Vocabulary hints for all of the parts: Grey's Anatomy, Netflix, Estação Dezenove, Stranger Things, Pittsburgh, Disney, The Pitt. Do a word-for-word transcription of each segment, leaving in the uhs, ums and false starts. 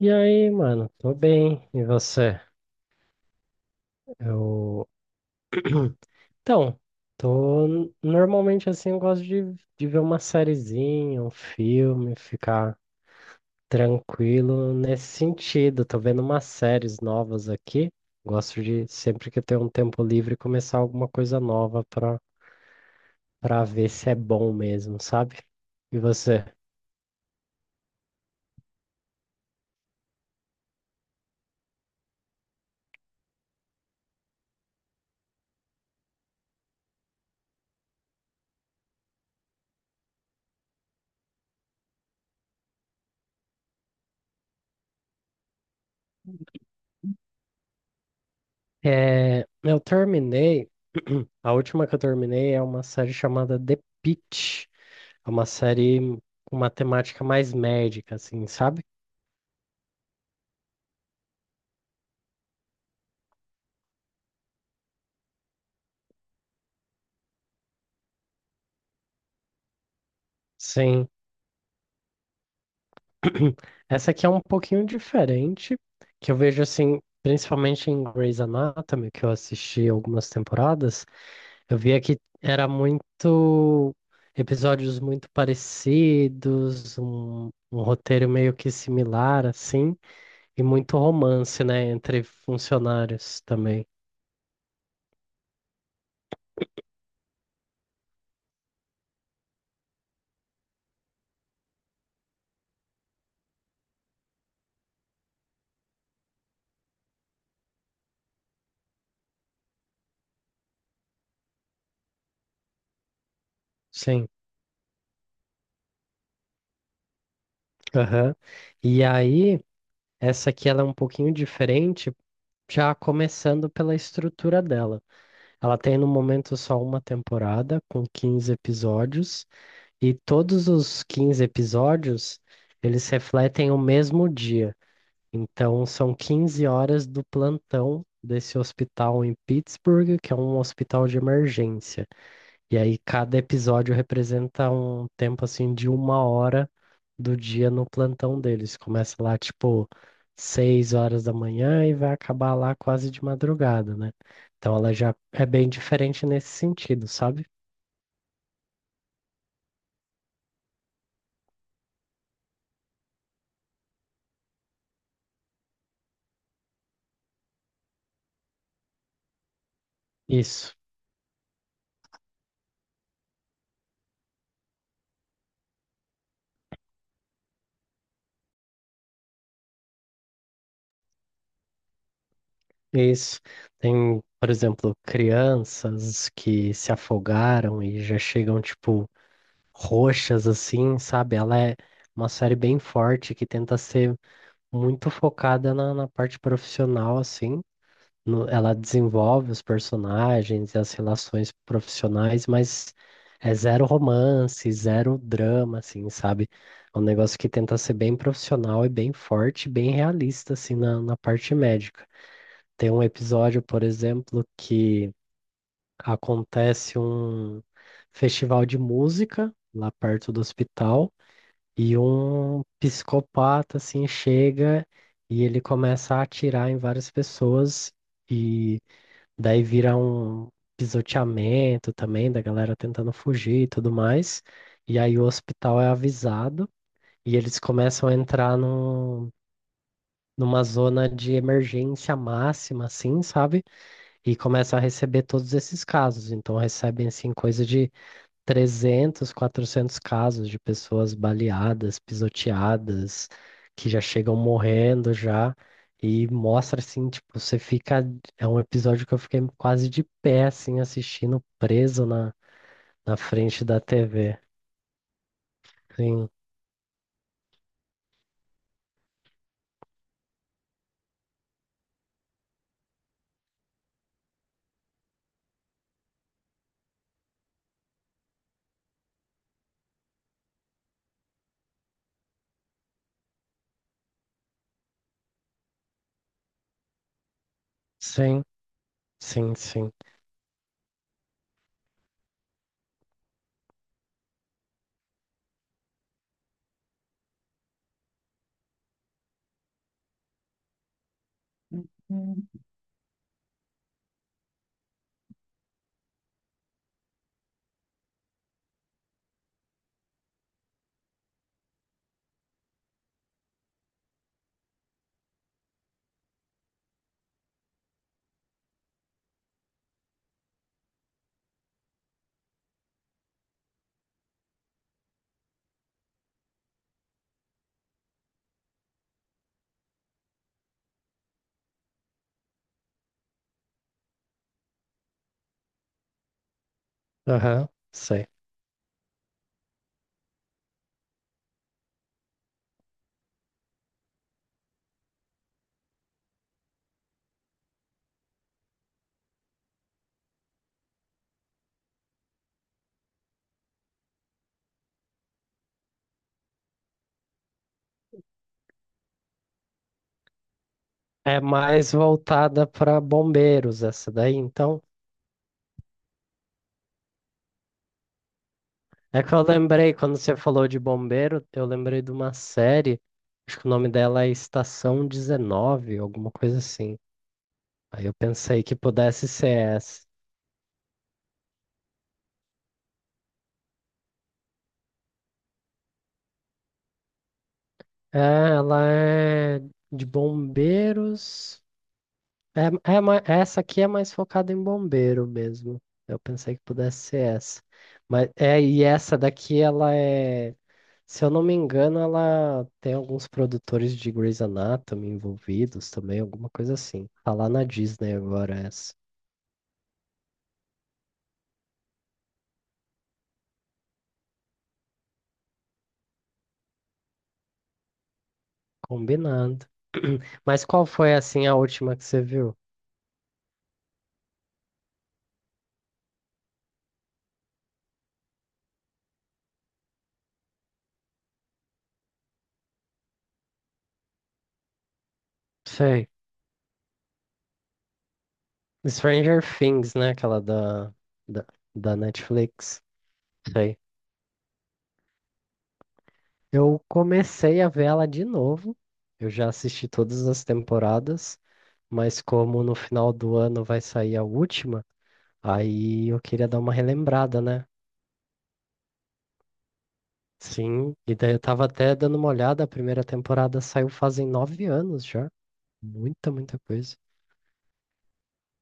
E aí, mano, tô bem. E você? Eu. Então, tô. Normalmente assim, eu gosto de, de ver uma sériezinha, um filme, ficar tranquilo nesse sentido. Tô vendo umas séries novas aqui. Gosto de, sempre que eu tenho um tempo livre, começar alguma coisa nova pra, pra ver se é bom mesmo, sabe? E você? É, eu terminei. A última que eu terminei é uma série chamada The Pitt. É uma série com uma temática mais médica, assim, sabe? Sim. Essa aqui é um pouquinho diferente, que eu vejo assim, principalmente em Grey's Anatomy, que eu assisti algumas temporadas, eu via que era muito episódios muito parecidos, um, um roteiro meio que similar, assim, e muito romance, né, entre funcionários também. Sim. Aham. E aí, essa aqui ela é um pouquinho diferente. Já começando pela estrutura dela. Ela tem no momento só uma temporada, com quinze episódios, e todos os quinze episódios eles refletem o mesmo dia. Então, são quinze horas do plantão desse hospital em Pittsburgh, que é um hospital de emergência. E aí cada episódio representa um tempo assim de uma hora do dia no plantão deles. Começa lá tipo seis horas da manhã e vai acabar lá quase de madrugada, né? Então ela já é bem diferente nesse sentido, sabe? Isso, isso. Tem, por exemplo, crianças que se afogaram e já chegam, tipo, roxas assim, sabe? Ela é uma série bem forte que tenta ser muito focada na, na parte profissional, assim, no- ela desenvolve os personagens e as relações profissionais, mas é zero romance, zero drama, assim, sabe? É um negócio que tenta ser bem profissional e bem forte, bem realista, assim, na, na parte médica. Tem um episódio, por exemplo, que acontece um festival de música lá perto do hospital e um psicopata, assim, chega e ele começa a atirar em várias pessoas. E Daí vira um pisoteamento também da galera tentando fugir e tudo mais. E aí o hospital é avisado e eles começam a entrar num, numa zona de emergência máxima, assim, sabe? E começam a receber todos esses casos. Então recebem, assim, coisa de trezentos, quatrocentos casos de pessoas baleadas, pisoteadas, que já chegam morrendo já. E mostra assim, tipo, você fica. É um episódio que eu fiquei quase de pé, assim, assistindo, preso na, na frente da T V. Sim, sim, sim, sim. Aham, sei. É mais voltada para bombeiros essa daí, então. É que eu lembrei, quando você falou de bombeiro, eu lembrei de uma série, acho que o nome dela é Estação Dezenove, alguma coisa assim. Aí eu pensei que pudesse ser essa. É, ela é de bombeiros. É, é, ma- essa aqui é mais focada em bombeiro mesmo. Eu pensei que pudesse ser essa. Mas é, e essa daqui, ela é, se eu não me engano, ela tem alguns produtores de Grey's Anatomy envolvidos também, alguma coisa assim. Tá lá na Disney agora essa. Combinado. Mas qual foi assim a última que você viu? Sei. Stranger Things, né? Aquela da, da, da Netflix. Sei. Eu comecei a ver ela de novo. Eu já assisti todas as temporadas, mas como no final do ano vai sair a última, aí eu queria dar uma relembrada, né? Sim, e daí eu tava até dando uma olhada, a primeira temporada saiu fazem nove anos já. Muita, muita coisa.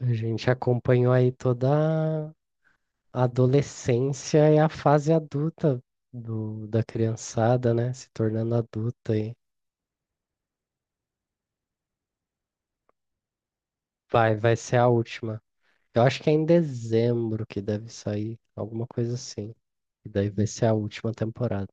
A gente acompanhou aí toda a adolescência e a fase adulta do, da criançada, né? Se tornando adulta aí. Vai, vai ser a última. Eu acho que é em dezembro que deve sair, alguma coisa assim. E daí vai ser a última temporada.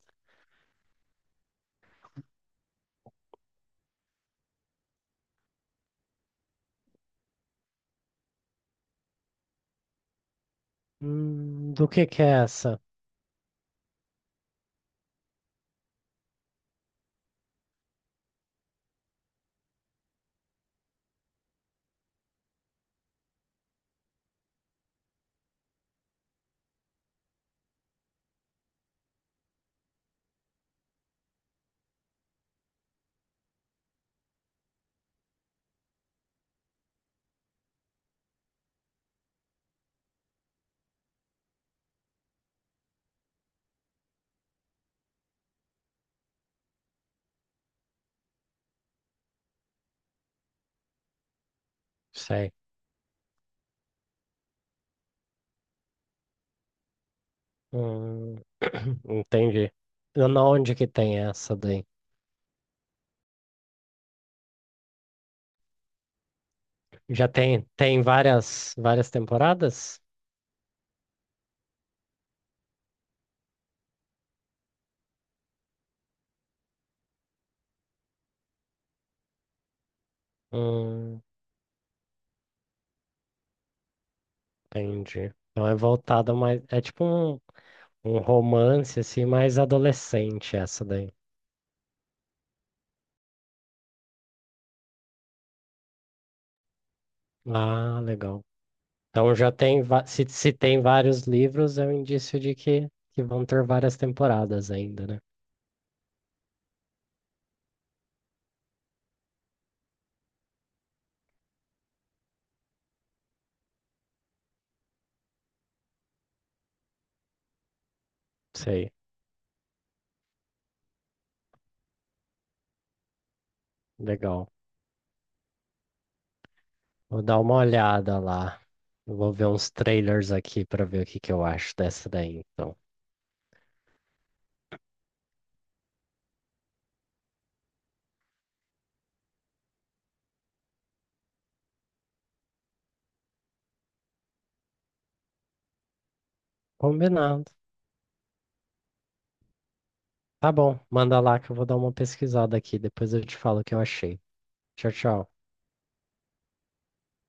Hum, do que que é essa? Sei. Hum, entendi. Eu não- Onde que tem essa daí? Já tem, tem, várias, várias temporadas? Hum, entendi. Então é voltada mais. É tipo um, um romance assim, mais adolescente essa daí. Ah, legal. Então já tem, va- se, se tem vários livros, é um indício de que, que vão ter várias temporadas ainda, né? Sei, legal. Vou dar uma olhada lá. Eu vou ver uns trailers aqui pra ver o que que eu acho dessa daí, então. Combinado. Tá bom, manda lá que eu vou dar uma pesquisada aqui, depois eu te falo o que eu achei. Tchau, tchau.